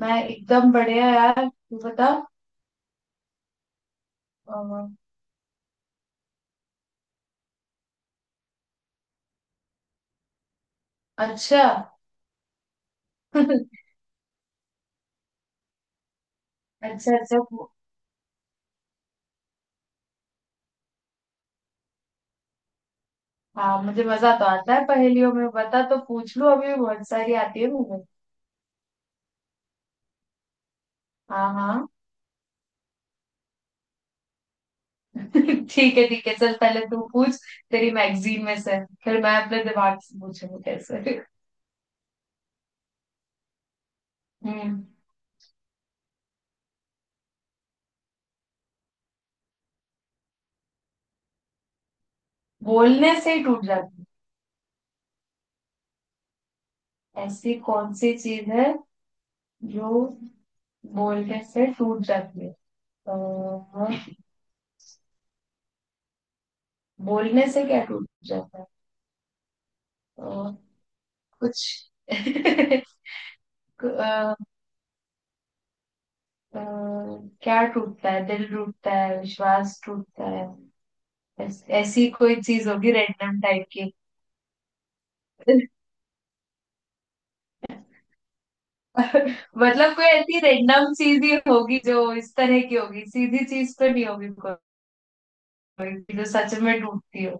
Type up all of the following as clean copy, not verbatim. मैं एकदम बढ़िया यार। तू बता। अ, अच्छा। अच्छा अच्छा हाँ मुझे मजा तो आता है पहेलियों में। बता तो पूछ लूं। अभी बहुत सारी आती है मुझे। हाँ हाँ। ठीक है ठीक है। चल पहले तू पूछ। तेरी मैगजीन में से। फिर मैं अपने दिमाग से पूछूंगी। कैसे। हम्म। बोलने से ही टूट जाती है ऐसी कौन सी चीज है जो बोलने से टूट जाती है। अ, बोलने से क्या टूट जाता है कुछ। अ, अ, क्या टूटता है। दिल टूटता है। विश्वास टूटता है। ऐसी कोई चीज होगी रैंडम टाइप की। मतलब कोई ऐसी रैंडम चीज ही होगी जो इस तरह की होगी। सीधी चीज तो नहीं होगी। कोई जो सच में टूटती हो।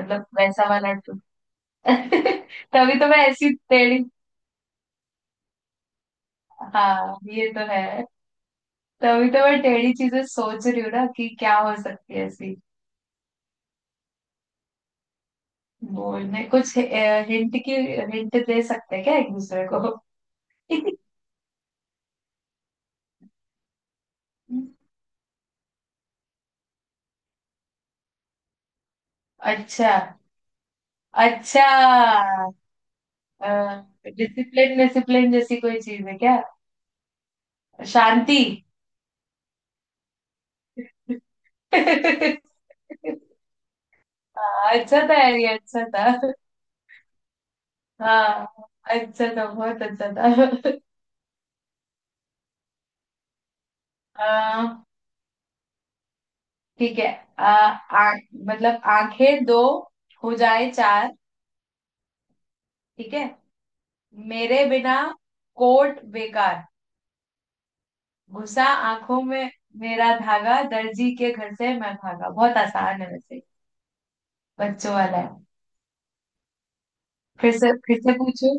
मतलब वैसा वाला टूट। तभी तो मैं ऐसी टेढ़ी। हाँ ये तो है। तभी तो मैं टेढ़ी चीजें सोच रही हूँ ना कि क्या हो सकती है ऐसी। बोलने कुछ हिंट की। हिंट दे सकते हैं क्या एक दूसरे को। अच्छा अच्छा। डिसिप्लिन डिसिप्लिन जैसी कोई चीज है क्या। शांति। हाँ, अच्छा था यार ये। अच्छा था। हाँ। अच्छा था बहुत अच्छा था। आ, ठीक है। आ, आ, मतलब आंखें दो हो जाए चार। ठीक है। मेरे बिना कोट बेकार। घुसा आंखों में मेरा धागा। दर्जी के घर से मैं भागा। बहुत आसान है वैसे। बच्चों वाला है। फिर से पूछू।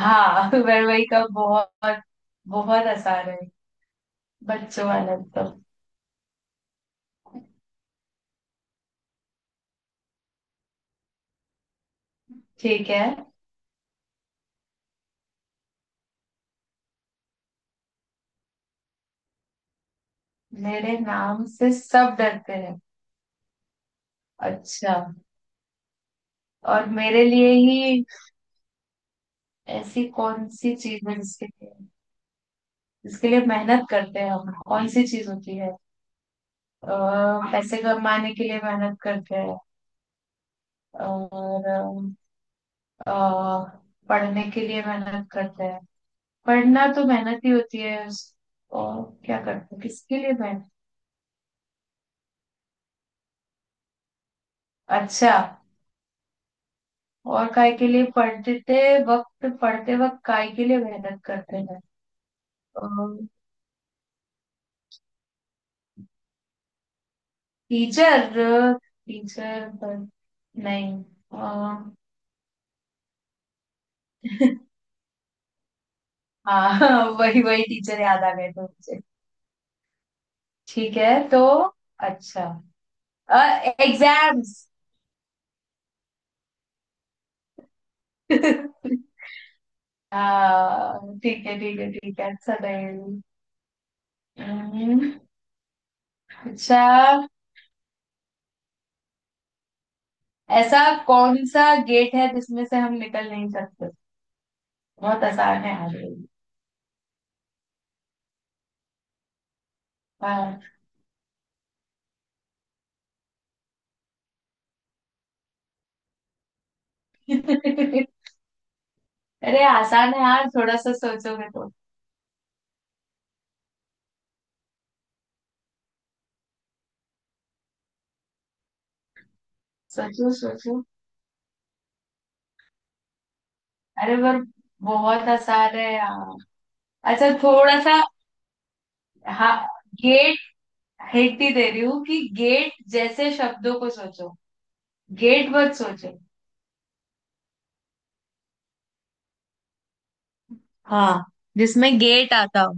हाँ। वरवई का बहुत। बहुत आसान है। बच्चों वाला तो। ठीक है। मेरे नाम से सब डरते हैं। अच्छा। और मेरे लिए ही ऐसी कौन सी चीज है जिसके लिए मेहनत करते हैं हम। कौन सी चीज होती है। अ, पैसे कमाने के लिए मेहनत करते हैं। और अ, पढ़ने के लिए मेहनत करते हैं। पढ़ना तो मेहनत ही होती है और क्या करते हैं किसके लिए मेहनत। अच्छा। और काय के लिए पढ़ते वक्त काय के लिए मेहनत करते हैं। टीचर। टीचर पर। नहीं। हाँ। वही वही टीचर याद आ गए थे मुझे। ठीक है तो। अच्छा। एग्जाम्स। हाँ ठीक है ठीक है ठीक है अच्छा नहीं। हम्म, अच्छा। ऐसा कौन सा गेट है जिसमें से हम निकल नहीं सकते। बहुत आसान है यार ये। हाँ। अरे आसान है यार थोड़ा सा सोचोगे तो। सोचो सोचो। अरे पर बहुत आसान है यार। अच्छा थोड़ा सा। हाँ। गेट। हिंट ही दे रही हूँ कि गेट जैसे शब्दों को सोचो। गेट मत सोचो। हाँ। जिसमें गेट आता हो।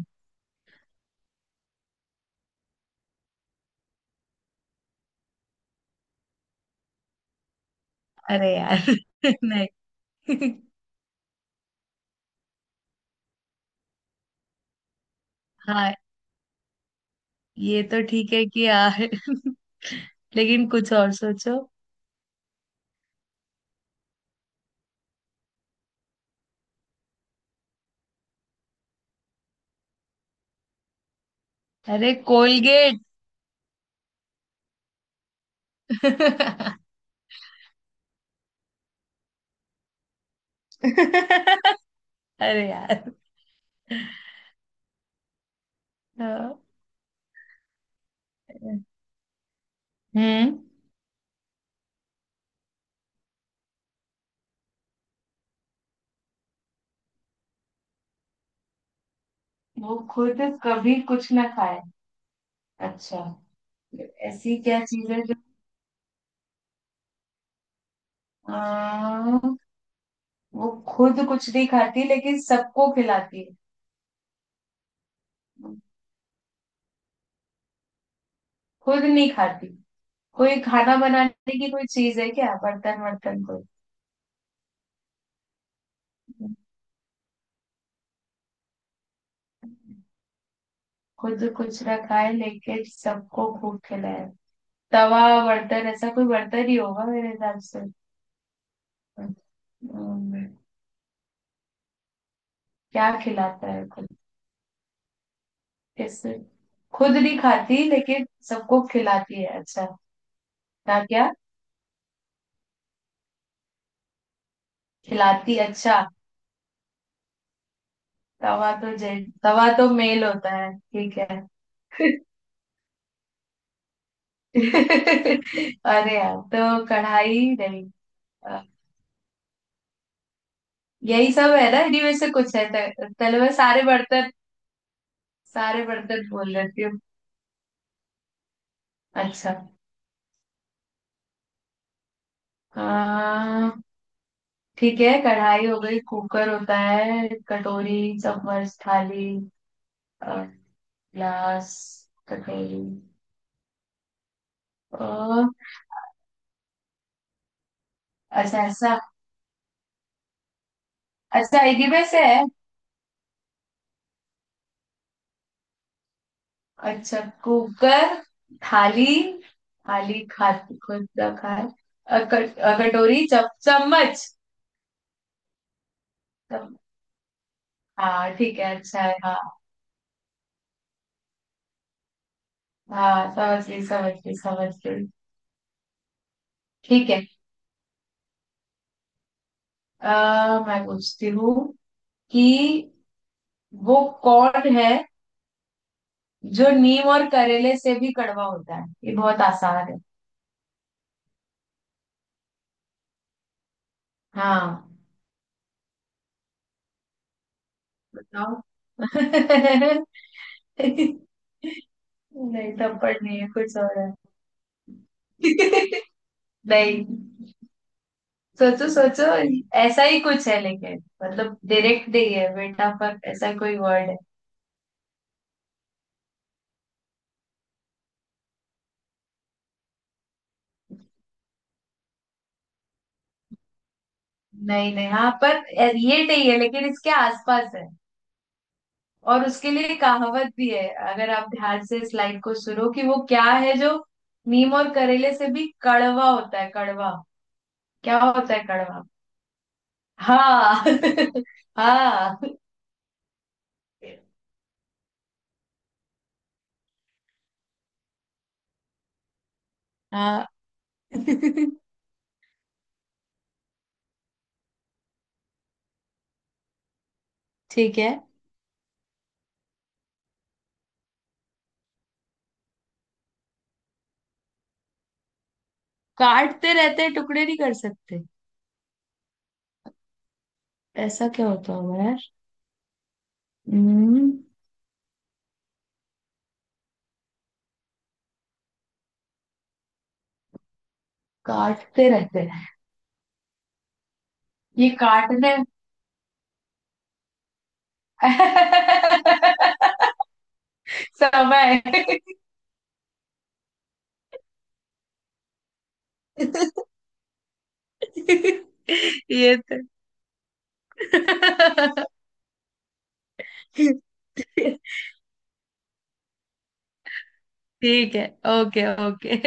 अरे यार। नहीं। हाँ ये तो ठीक है कि यार। लेकिन कुछ और सोचो। अरे कोलगेट। अरे यार। हाँ। हम्म। वो खुद कभी कुछ ना खाए। अच्छा। ऐसी क्या चीज है जो आ, वो खुद कुछ नहीं खाती लेकिन सबको खिलाती है। खुद नहीं खाती। कोई खाना बनाने की कोई चीज है क्या। बर्तन वर्तन कोई। खुद कुछ ना खाए लेकिन सबको भूख खिलाए। तवा बर्तन ऐसा कोई बर्तन ही होगा मेरे हिसाब से। अम्म, क्या खिलाता है खुद। कैसे। खुद नहीं खाती लेकिन सबको खिलाती है। अच्छा। क्या क्या खिलाती। अच्छा। तवा तो जेंट तवा तो मेल होता है। ठीक है। अरे यार तो कढ़ाई नहीं। अ, यही सब है ना। इन्हीं में से कुछ है। चलो मैं सारे बर्तन बोल लेती हूँ। अच्छा। आ, ठीक है। कढ़ाई हो गई। कुकर होता है। कटोरी चम्मच थाली। अ, ग्लास। कटोरी। अ, अच्छा ऐसा। अच्छा एक ही में से है। अच्छा। कुकर। थाली। थाली खा। खुद का खा। कटोरी चम्मच। चम- हाँ ठीक है अच्छा है हाँ। हाँ समझ गई समझ गई समझ गई। ठीक है। मैं पूछती हूँ कि वो कौन है जो नीम और करेले से भी कड़वा होता है। ये बहुत आसान है। हाँ। बताओ। नहीं थप्पड़ नहीं है कुछ और है। नहीं। सोचो सोचो। ऐसा ही कुछ है लेकिन मतलब डायरेक्ट नहीं है बेटा पर ऐसा कोई वर्ड है। नहीं नहीं हाँ पर ये नहीं है लेकिन इसके आसपास है। और उसके लिए कहावत भी है। अगर आप ध्यान से इस लाइन को सुनो कि वो क्या है जो नीम और करेले से भी कड़वा होता है। कड़वा क्या होता है कड़वा। हाँ। हाँ। हाँ। ठीक है। काटते रहते हैं टुकड़े नहीं कर सकते। ऐसा क्या होता होगा यार। हम्म, काटते रहते हैं। ये काटने। समय। ये तो। ठीक है। Okay okay.